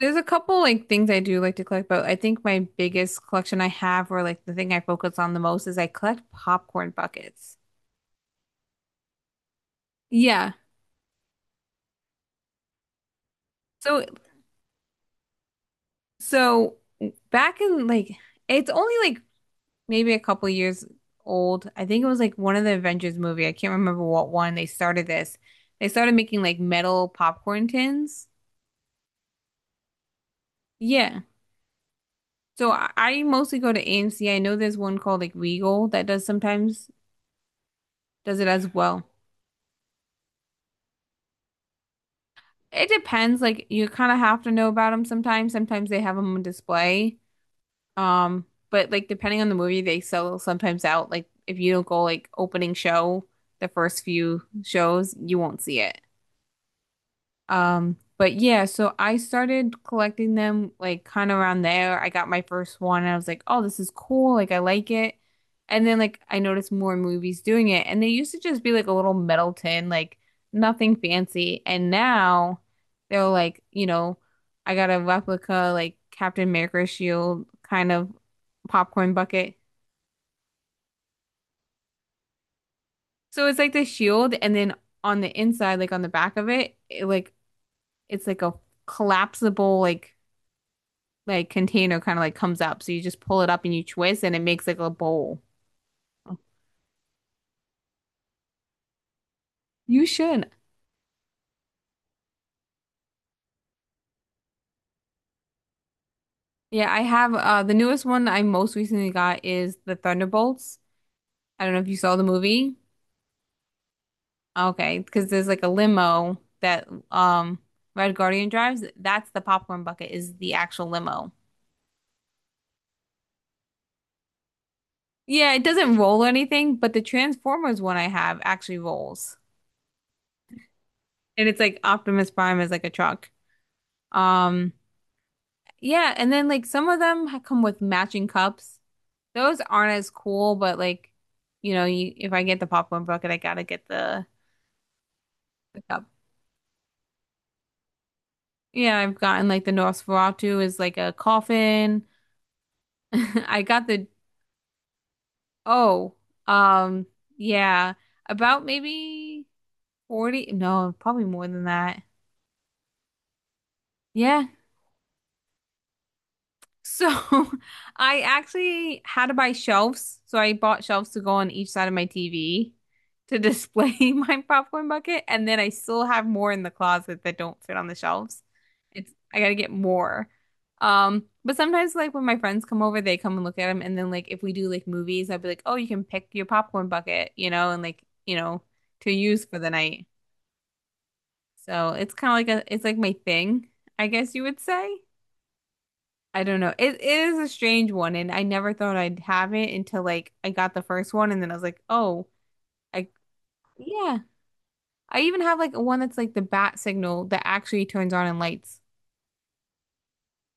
There's a couple like things I do like to collect, but I think my biggest collection I have, or like the thing I focus on the most, is I collect popcorn buckets. Yeah. So so back in like it's only like maybe a couple years old. I think it was like one of the Avengers movie. I can't remember what one they started this. They started making like metal popcorn tins. Yeah. So I mostly go to AMC. I know there's one called like Regal that does sometimes does it as well. It depends. Like you kind of have to know about them sometimes. Sometimes they have them on display. But like depending on the movie, they sell sometimes out. Like if you don't go like opening show, the first few shows, you won't see it. But yeah, so I started collecting them like kind of around there. I got my first one and I was like, oh, this is cool. Like, I like it. And then like I noticed more movies doing it. And they used to just be like a little metal tin, like nothing fancy. And now they're like, I got a replica like Captain America shield kind of popcorn bucket. So it's like the shield and then on the inside, like on the back of it, it like it's like a collapsible like container kind of like comes up. So you just pull it up and you twist and it makes like a bowl. You should. Yeah, I have the newest one I most recently got is the Thunderbolts. I don't know if you saw the movie. Okay, because there's like a limo that Red Guardian drives. That's the popcorn bucket is the actual limo. Yeah, it doesn't roll or anything, but the Transformers one I have actually rolls. And it's like Optimus Prime is like a truck. Um yeah, and then like some of them come with matching cups. Those aren't as cool, but like, if I get the popcorn bucket, I gotta get the cup. Yeah, I've gotten like the Nosferatu is like a coffin. I got the, oh, um, yeah, about maybe 40, no, probably more than that. Yeah, so I actually had to buy shelves. So I bought shelves to go on each side of my TV to display my popcorn bucket. And then I still have more in the closet that don't fit on the shelves. It's I gotta get more. But sometimes like when my friends come over, they come and look at them. And then like if we do like movies, I'd be like, oh, you can pick your popcorn bucket, you know, and like, you know, to use for the night. So it's kind of like a it's like my thing, I guess you would say. I don't know. It is a strange one, and I never thought I'd have it until like I got the first one, and then I was like, oh, I yeah. I even have like one that's like the bat signal that actually turns on and lights.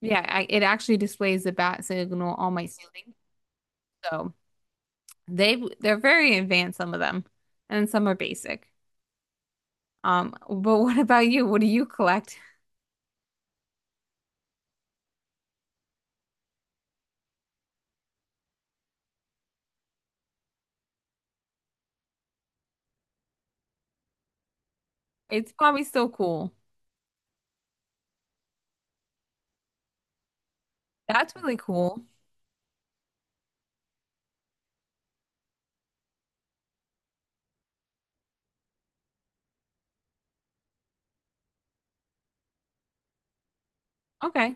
Yeah, it actually displays the bat signal on my ceiling. So they're very advanced, some of them, and some are basic. But what about you? What do you collect? It's probably still cool. That's really cool. Okay.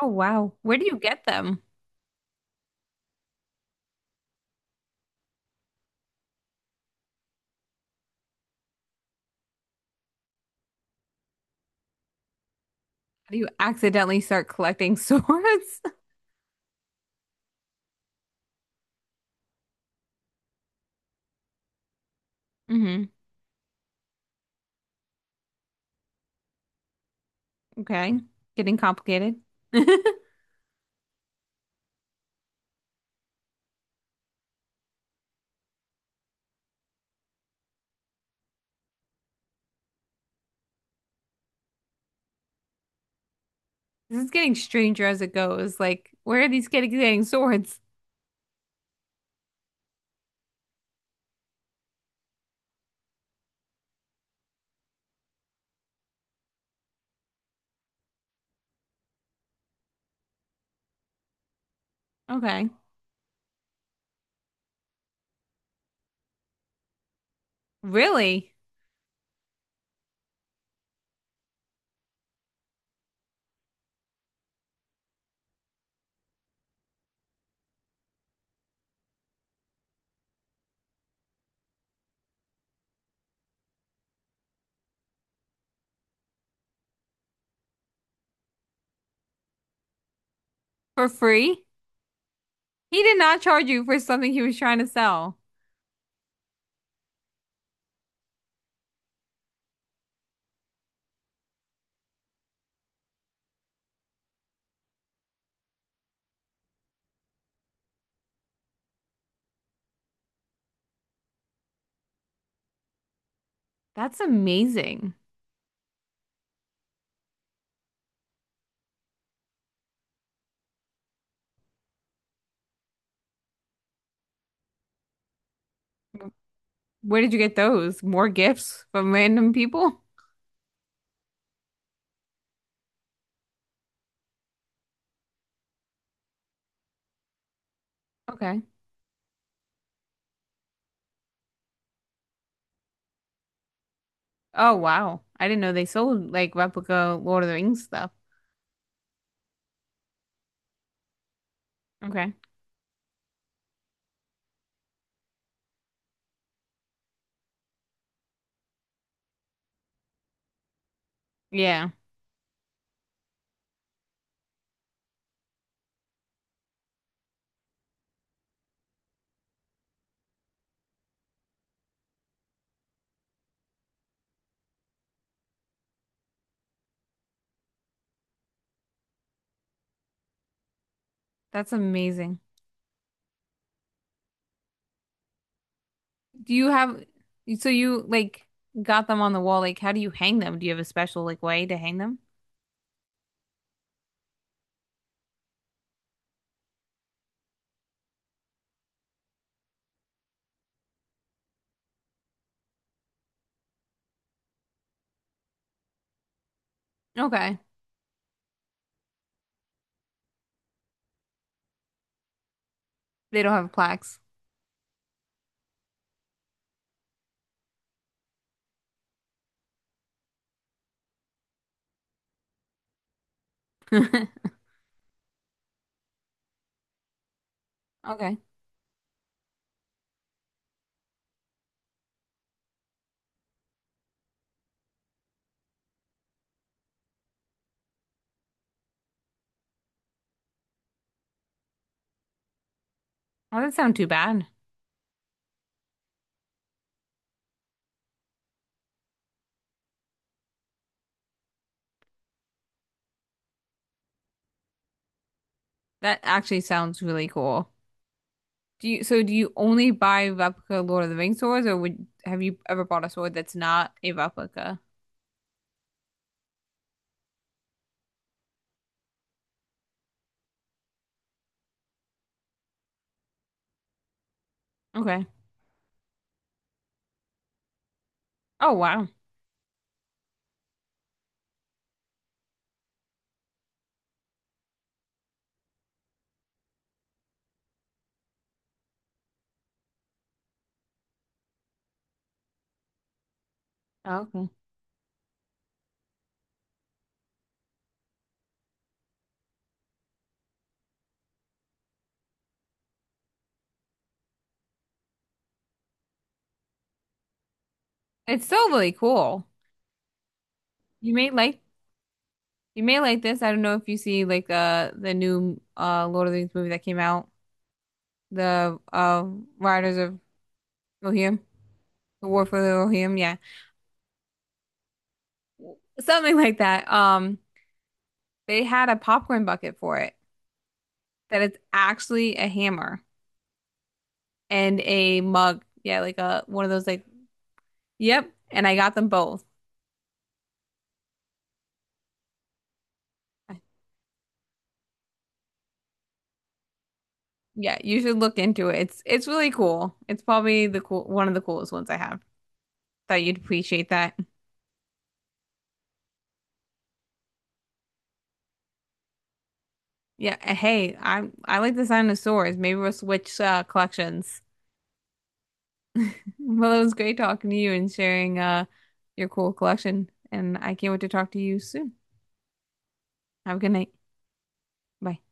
Oh wow. Where do you get them? How do you accidentally start collecting swords? Hmm. Okay. Getting complicated. This is getting stranger as it goes. Like, where are these kids getting swords? Okay. Really? For free? He did not charge you for something he was trying to sell. That's amazing. Where did you get those? More gifts from random people? Okay. Oh, wow. I didn't know they sold like replica Lord of the Rings stuff. Okay. Yeah. That's amazing. Do you have, so you like got them on the wall. Like, how do you hang them? Do you have a special like way to hang them? Okay. They don't have plaques. Okay. Oh, that doesn't sound too bad. That actually sounds really cool. Do you, so do you only buy replica Lord of the Rings swords or would, have you ever bought a sword that's not a replica? Okay. Oh, wow. Oh, okay. It's still really cool. You may like, you may like this. I don't know if you see like the new Lord of the Rings movie that came out the Riders of Rohirrim, the War for the Rohirrim, yeah, something like that. They had a popcorn bucket for it that it's actually a hammer and a mug, yeah, like a one of those like, yep. And I got them both. Yeah, you should look into it. It's really cool. It's probably the one of the coolest ones I have. Thought you'd appreciate that. Yeah, and hey, I like the sound of swords. Maybe we'll switch collections. Well, it was great talking to you and sharing your cool collection, and I can't wait to talk to you soon. Have a good night. Bye.